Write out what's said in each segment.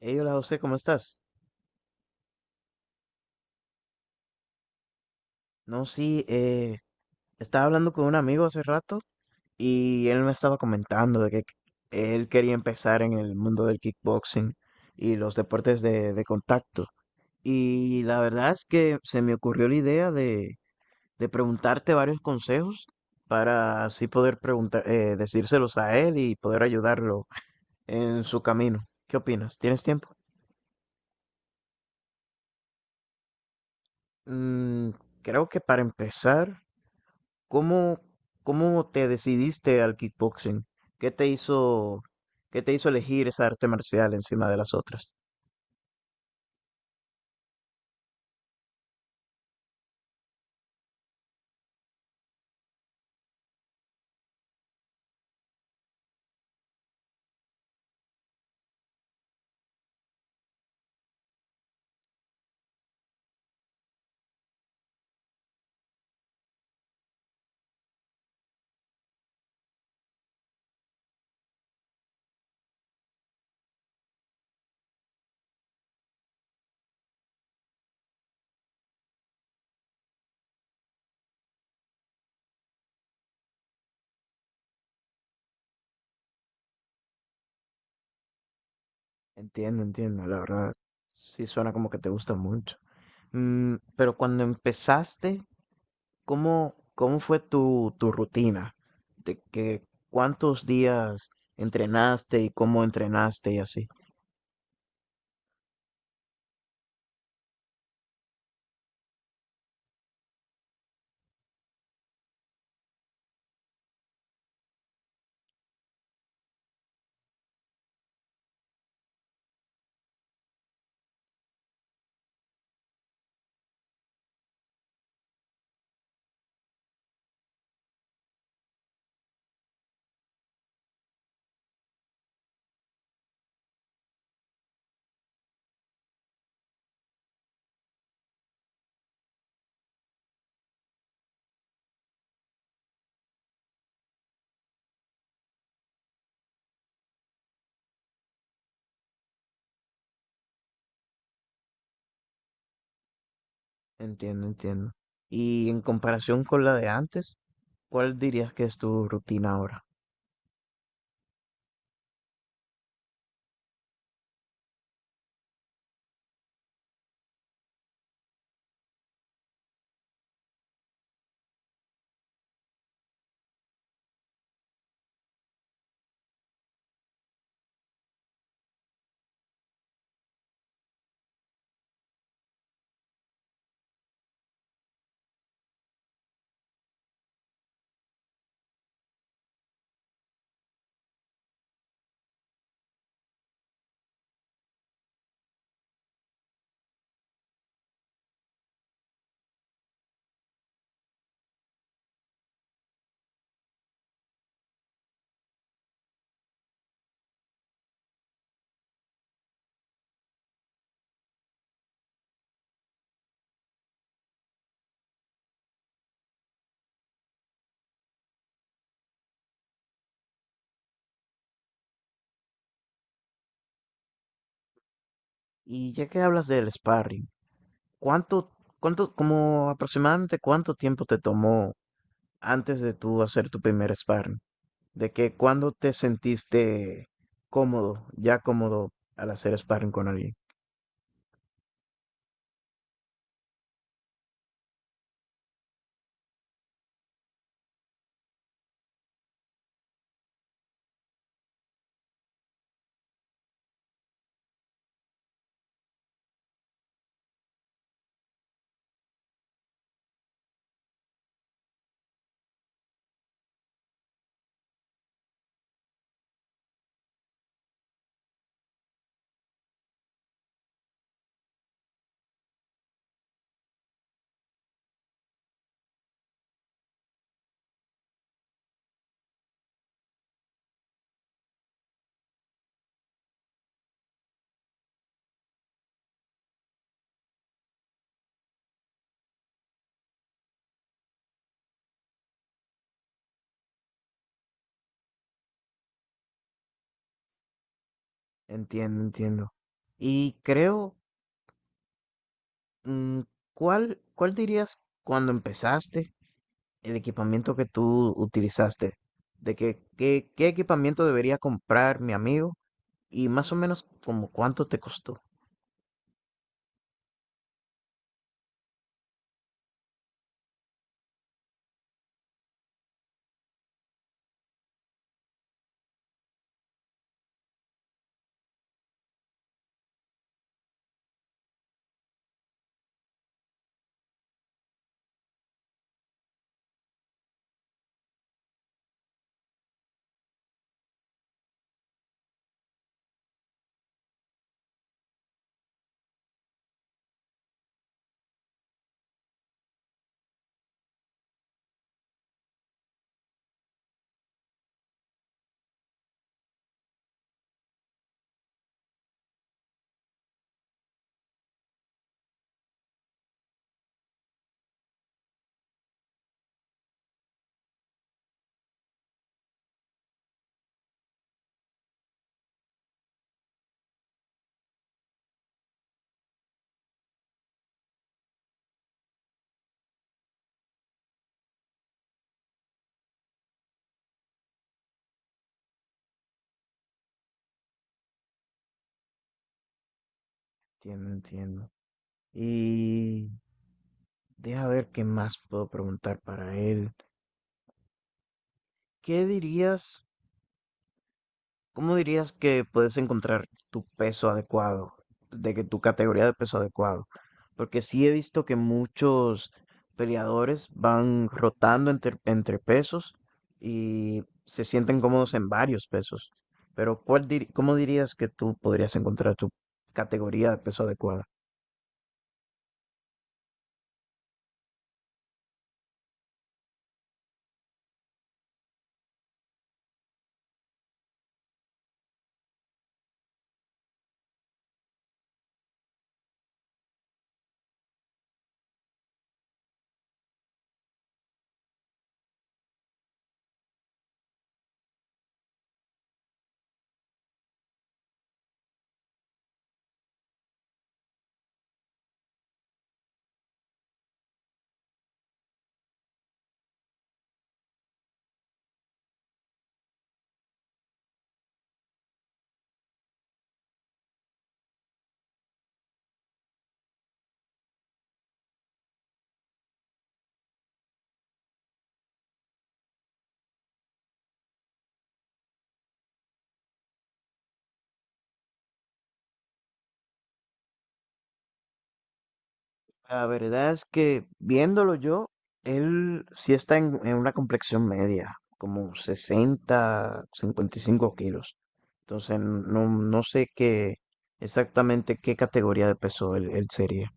Hey, hola José, ¿cómo estás? No, sí, estaba hablando con un amigo hace rato y él me estaba comentando de que él quería empezar en el mundo del kickboxing y los deportes de contacto. Y la verdad es que se me ocurrió la idea de preguntarte varios consejos para así poder preguntar, decírselos a él y poder ayudarlo en su camino. ¿Qué opinas? ¿Tienes tiempo? Mm, Creo que para empezar. ¿Cómo, cómo te decidiste al kickboxing? ¿Qué te hizo, qué te hizo elegir esa arte marcial encima de las otras? Entiendo, entiendo, la verdad. Sí suena como que te gusta mucho. Pero cuando empezaste, ¿cómo fue tu rutina? ¿De que cuántos días entrenaste y cómo entrenaste y así? Entiendo, entiendo. Y en comparación con la de antes, ¿cuál dirías que es tu rutina ahora? Y ya que hablas del sparring, ¿Cuánto, como aproximadamente cuánto tiempo te tomó antes de tú hacer tu primer sparring? ¿De que cuándo te sentiste ya cómodo al hacer sparring con alguien? Entiendo, entiendo. Y creo, mm, ¿cuál dirías cuando empezaste el equipamiento que tú utilizaste? ¿Qué equipamiento debería comprar mi amigo? Y más o menos como cuánto te costó. Entiendo, entiendo. Y deja ver qué más puedo preguntar para él. ¿Qué dirías? ¿Cómo dirías que puedes encontrar tu peso adecuado? De que tu categoría de peso adecuado. Porque sí he visto que muchos peleadores van rotando entre pesos y se sienten cómodos en varios pesos. Pero ¿cómo dirías que tú podrías encontrar tu categoría de peso adecuado? La verdad es que viéndolo yo, él sí está en una complexión media, como 60, 55 kilos. Entonces no, no sé qué exactamente qué categoría de peso él, él sería.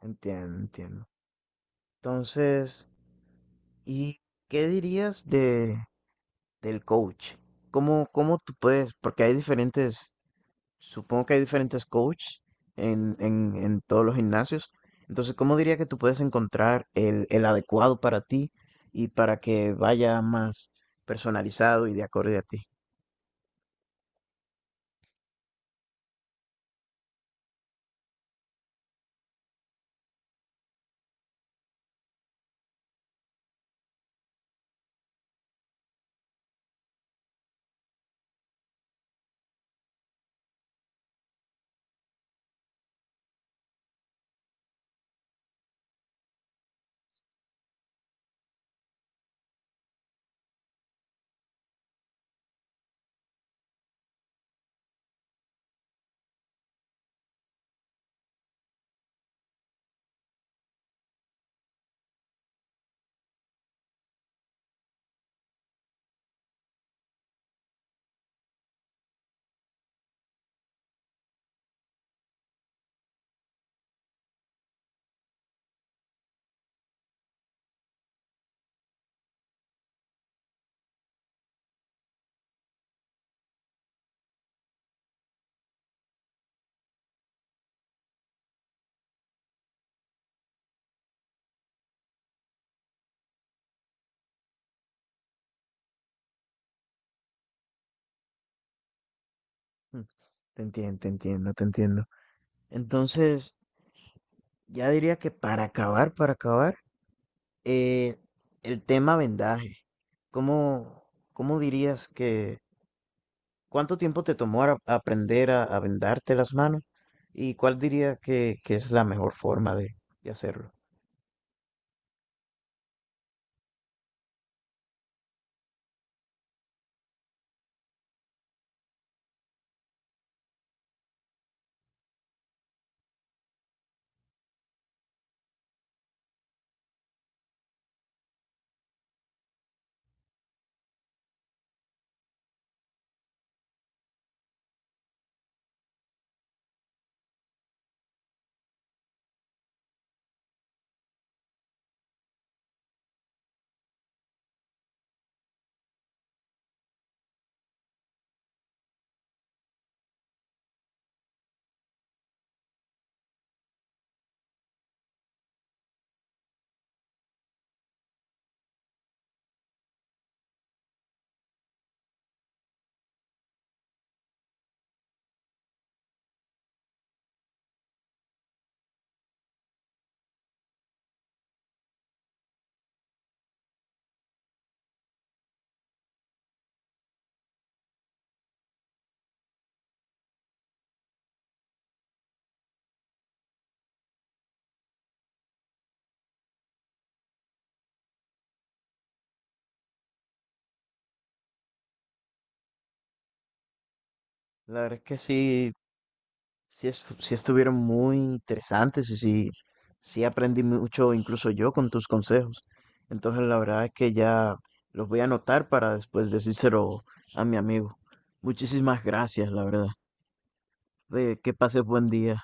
Entiendo, entiendo. Entonces, ¿y qué dirías de del coach? ¿Cómo, cómo tú puedes? Porque hay diferentes. Supongo que hay diferentes coaches en todos los gimnasios. Entonces, ¿cómo diría que tú puedes encontrar el adecuado para ti y para que vaya más personalizado y de acorde a ti? Mm, Te entiendo, te entiendo, te entiendo. Entonces, ya diría que para acabar, eh, el tema vendaje. ¿Cómo, cómo dirías que, ¿cuánto tiempo te tomó aprender a vendarte las manos? ¿Y cuál diría que es la mejor forma de hacerlo? La verdad es que sí, sí, sí estuvieron muy interesantes y sí, sí aprendí mucho incluso yo con tus consejos. Entonces la verdad es que ya los voy a anotar para después decírselo a mi amigo. Muchísimas gracias, la verdad. Que pases buen día.